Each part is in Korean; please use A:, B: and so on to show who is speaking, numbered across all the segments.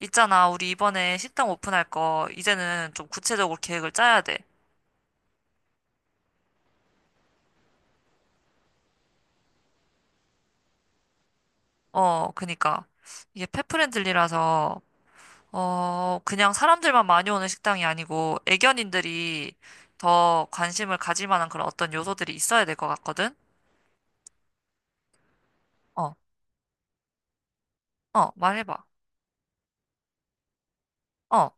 A: 있잖아, 우리 이번에 식당 오픈할 거, 이제는 좀 구체적으로 계획을 짜야 돼. 어, 그니까. 이게 펫프렌들리라서, 어, 그냥 사람들만 많이 오는 식당이 아니고, 애견인들이 더 관심을 가질 만한 그런 어떤 요소들이 있어야 될 것 같거든? 어, 어, 말해봐. 어,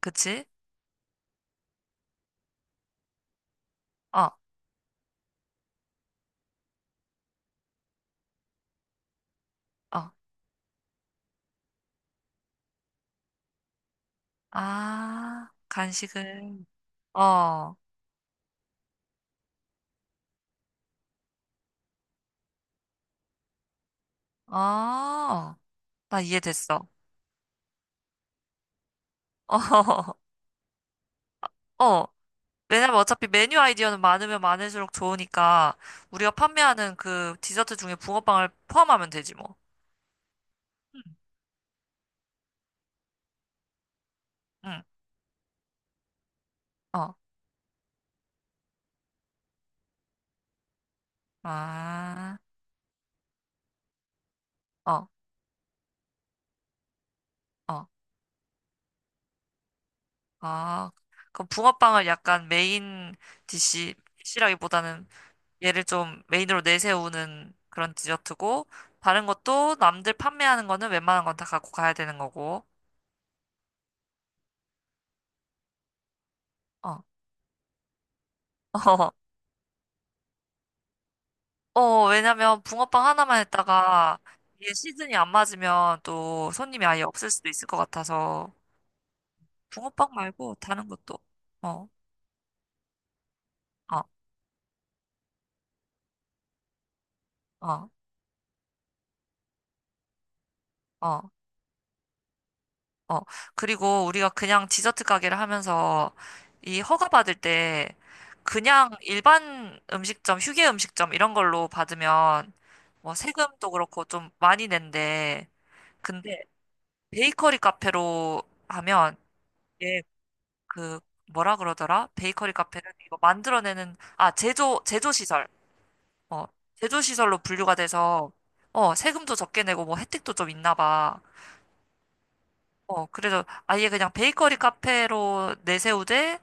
A: 그치? 어, 어. 아, 간식을. 어, 어. 나 이해됐어. 어, 어. 왜냐면 어차피 메뉴 아이디어는 많으면 많을수록 좋으니까 우리가 판매하는 그 디저트 중에 붕어빵을 포함하면 되지 뭐. 음. 응. 어. 아. 어. 어. 아. 그럼 붕어빵을 약간 메인 디시라기보다는 얘를 좀 메인으로 내세우는 그런 디저트고, 다른 것도 남들 판매하는 거는 웬만한 건 다 갖고 가야 되는 거고. 어. 어, 왜냐면 붕어빵 하나만 했다가 이게 시즌이 안 맞으면 또 손님이 아예 없을 수도 있을 것 같아서, 붕어빵 말고 다른 것도. 어, 어, 어, 어, 어. 그리고 우리가 그냥 디저트 가게를 하면서 이 허가 받을 때 그냥 일반 음식점, 휴게 음식점 이런 걸로 받으면 뭐 세금도 그렇고 좀 많이 낸대. 근데 베이커리 카페로 하면, 예, 그 뭐라 그러더라? 베이커리 카페는 이거 만들어내는 아 제조 시설, 어, 제조 시설로 분류가 돼서 어 세금도 적게 내고 뭐 혜택도 좀 있나 봐. 어, 그래서 아예 그냥 베이커리 카페로 내세우되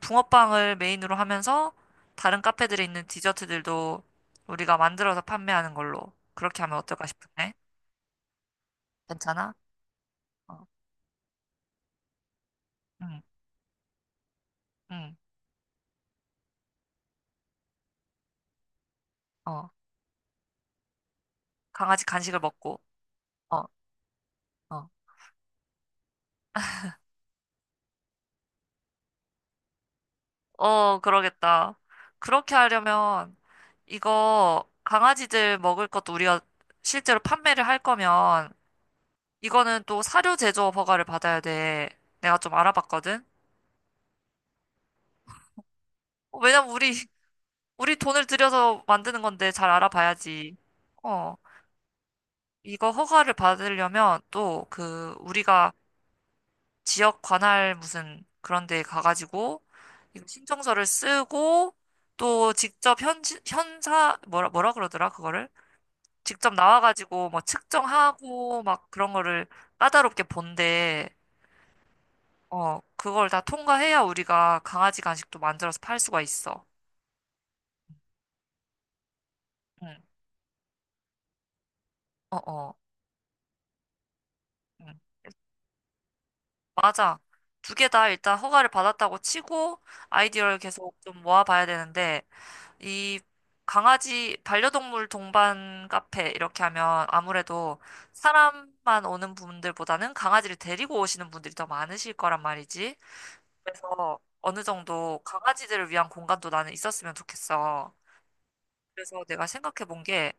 A: 붕어빵을 메인으로 하면서 다른 카페들에 있는 디저트들도 우리가 만들어서 판매하는 걸로 그렇게 하면 어떨까 싶은데, 괜찮아? 어, 응, 응, 어, 강아지 간식을 먹고. 어, 어. 어, 그러겠다. 그렇게 하려면 이거 강아지들 먹을 것도 우리가 실제로 판매를 할 거면 이거는 또 사료 제조 허가를 받아야 돼. 내가 좀 알아봤거든. 어, 왜냐면 우리 우리 돈을 들여서 만드는 건데 잘 알아봐야지. 어, 이거 허가를 받으려면 또 그 우리가 지역 관할 무슨 그런 데 가가지고 이거 신청서를 쓰고, 또 직접 현 현사 뭐라 뭐라 그러더라 그거를? 직접 나와가지고 뭐 측정하고 막 그런 거를 까다롭게 본데, 어, 그걸 다 통과해야 우리가 강아지 간식도 만들어서 팔 수가 있어. 응, 어, 어, 응. 맞아. 두 개 다 일단 허가를 받았다고 치고 아이디어를 계속 좀 모아봐야 되는데, 이 강아지 반려동물 동반 카페 이렇게 하면 아무래도 사람만 오는 분들보다는 강아지를 데리고 오시는 분들이 더 많으실 거란 말이지. 그래서 어느 정도 강아지들을 위한 공간도 나는 있었으면 좋겠어. 그래서 내가 생각해 본 게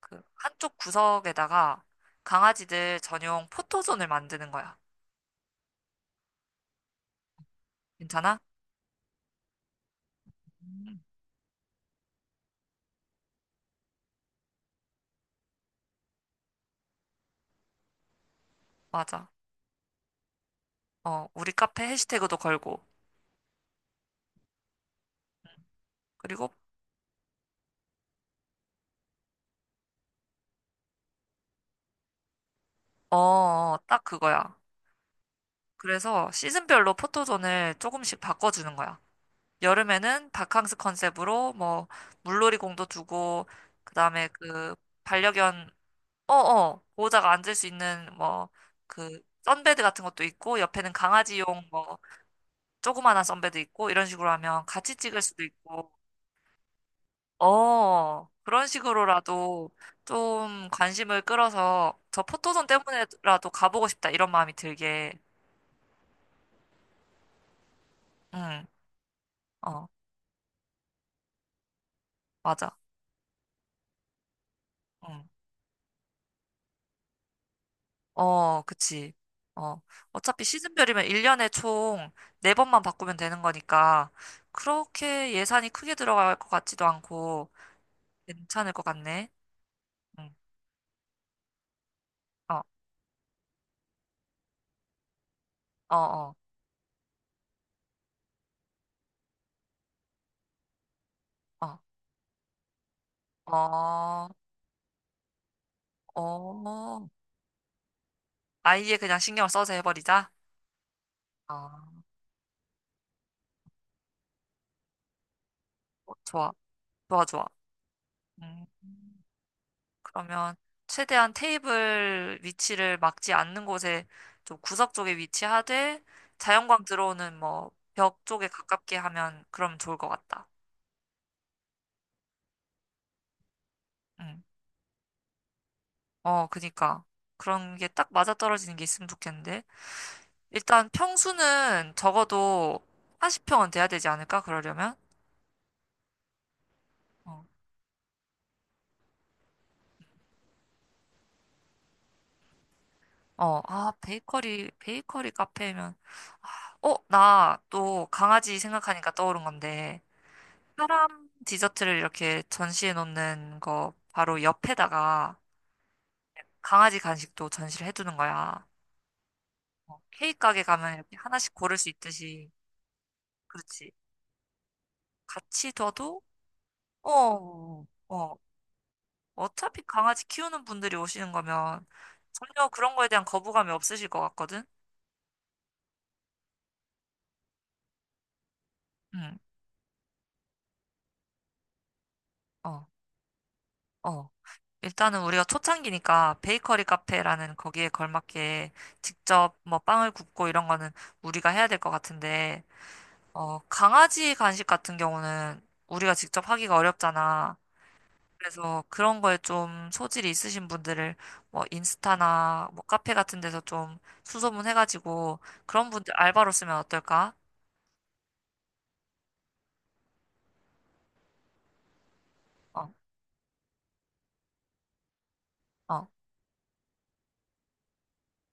A: 그 한쪽 구석에다가 강아지들 전용 포토존을 만드는 거야. 괜찮아? 음. 맞아. 어, 우리 카페 해시태그도 걸고. 그리고 어, 어, 딱 그거야. 그래서 시즌별로 포토존을 조금씩 바꿔주는 거야. 여름에는 바캉스 컨셉으로 뭐 물놀이공도 두고, 그다음에 그 반려견, 어어 보호자가 앉을 수 있는 뭐 그 선베드 같은 것도 있고, 옆에는 강아지용 뭐 조그만한 선베드 있고, 이런 식으로 하면 같이 찍을 수도 있고, 어, 그런 식으로라도 좀 관심을 끌어서 저 포토존 때문에라도 가보고 싶다 이런 마음이 들게. 응어 맞아. 응어 그치. 어, 어차피 시즌별이면 1년에 총 4번만 바꾸면 되는 거니까 그렇게 예산이 크게 들어갈 것 같지도 않고, 괜찮을 것 같네. 응. 어, 어, 어, 어, 어, 어. 아예 그냥 신경을 써서 해버리자. 어, 어, 좋아, 좋아, 좋아. 음, 그러면 최대한 테이블 위치를 막지 않는 곳에 좀 구석 쪽에 위치하되 자연광 들어오는 뭐 벽 쪽에 가깝게 하면 그럼 좋을 것 같다. 응. 어, 그니까. 그런 게 딱 맞아떨어지는 게 있으면 좋겠는데. 일단 평수는 적어도 40평은 돼야 되지 않을까? 그러려면? 어, 어, 아, 베이커리 카페면. 어, 나 또 강아지 생각하니까 떠오른 건데, 사람 디저트를 이렇게 전시해 놓는 거 바로 옆에다가 강아지 간식도 전시를 해두는 거야. 어, 케이크 가게 가면 이렇게 하나씩 고를 수 있듯이. 그렇지. 같이 둬도, 어, 어, 어차피 강아지 키우는 분들이 오시는 거면 전혀 그런 거에 대한 거부감이 없으실 것 같거든? 응, 어, 어. 일단은 우리가 초창기니까 베이커리 카페라는 거기에 걸맞게 직접 뭐 빵을 굽고 이런 거는 우리가 해야 될 것 같은데, 어, 강아지 간식 같은 경우는 우리가 직접 하기가 어렵잖아. 그래서 그런 거에 좀 소질이 있으신 분들을 뭐 인스타나 뭐 카페 같은 데서 좀 수소문 해가지고 그런 분들 알바로 쓰면 어떨까? 어, 어.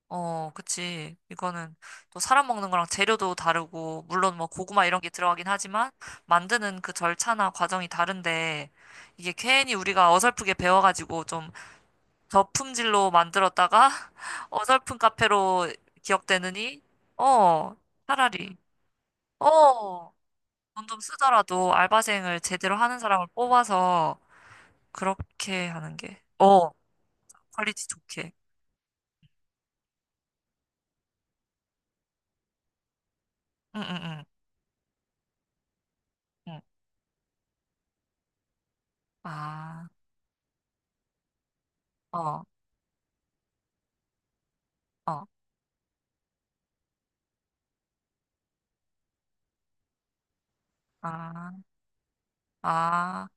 A: 어, 그치. 이거는 또 사람 먹는 거랑 재료도 다르고, 물론 뭐 고구마 이런 게 들어가긴 하지만, 만드는 그 절차나 과정이 다른데, 이게 괜히 우리가 어설프게 배워가지고 좀 저품질로 만들었다가, 어설픈 카페로 기억되느니, 어, 차라리, 어, 돈 좀 쓰더라도 알바생을 제대로 하는 사람을 뽑아서, 그렇게 하는 게, 어, 퀄리티 좋게. 응, 응, 응, 응. 아, 어, 어, 아. 아,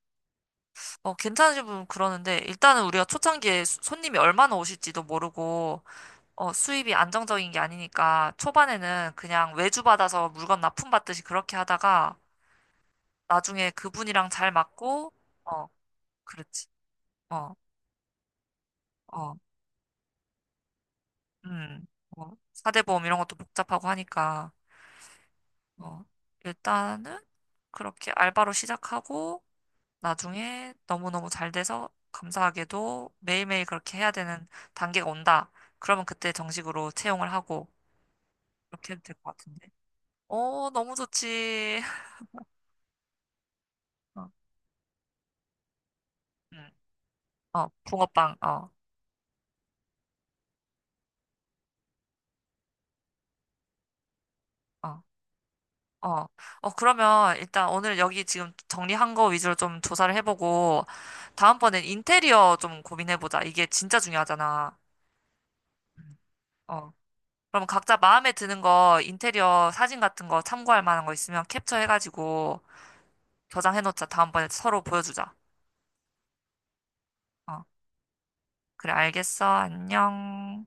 A: 어, 괜찮으신 분 그러는데, 일단은 우리가 초창기에 손님이 얼마나 오실지도 모르고, 어, 수입이 안정적인 게 아니니까, 초반에는 그냥 외주 받아서 물건 납품받듯이 그렇게 하다가, 나중에 그분이랑 잘 맞고, 어, 그렇지. 어, 어, 음, 어, 사대보험 이런 것도 복잡하고 하니까, 어, 일단은 그렇게 알바로 시작하고, 나중에 너무너무 잘 돼서 감사하게도 매일매일 그렇게 해야 되는 단계가 온다. 그러면 그때 정식으로 채용을 하고 이렇게 해도 될 것 같은데. 어, 너무 좋지. 어, 응. 어, 붕어빵. 어, 어, 어. 어, 그러면 일단 오늘 여기 지금 정리한 거 위주로 좀 조사를 해보고 다음번엔 인테리어 좀 고민해보자. 이게 진짜 중요하잖아. 음. 어. 그럼 각자 마음에 드는 거 인테리어 사진 같은 거 참고할 만한 거 있으면 캡처해가지고 저장해놓자. 다음번에 서로 보여주자. 어, 그래, 알겠어. 안녕.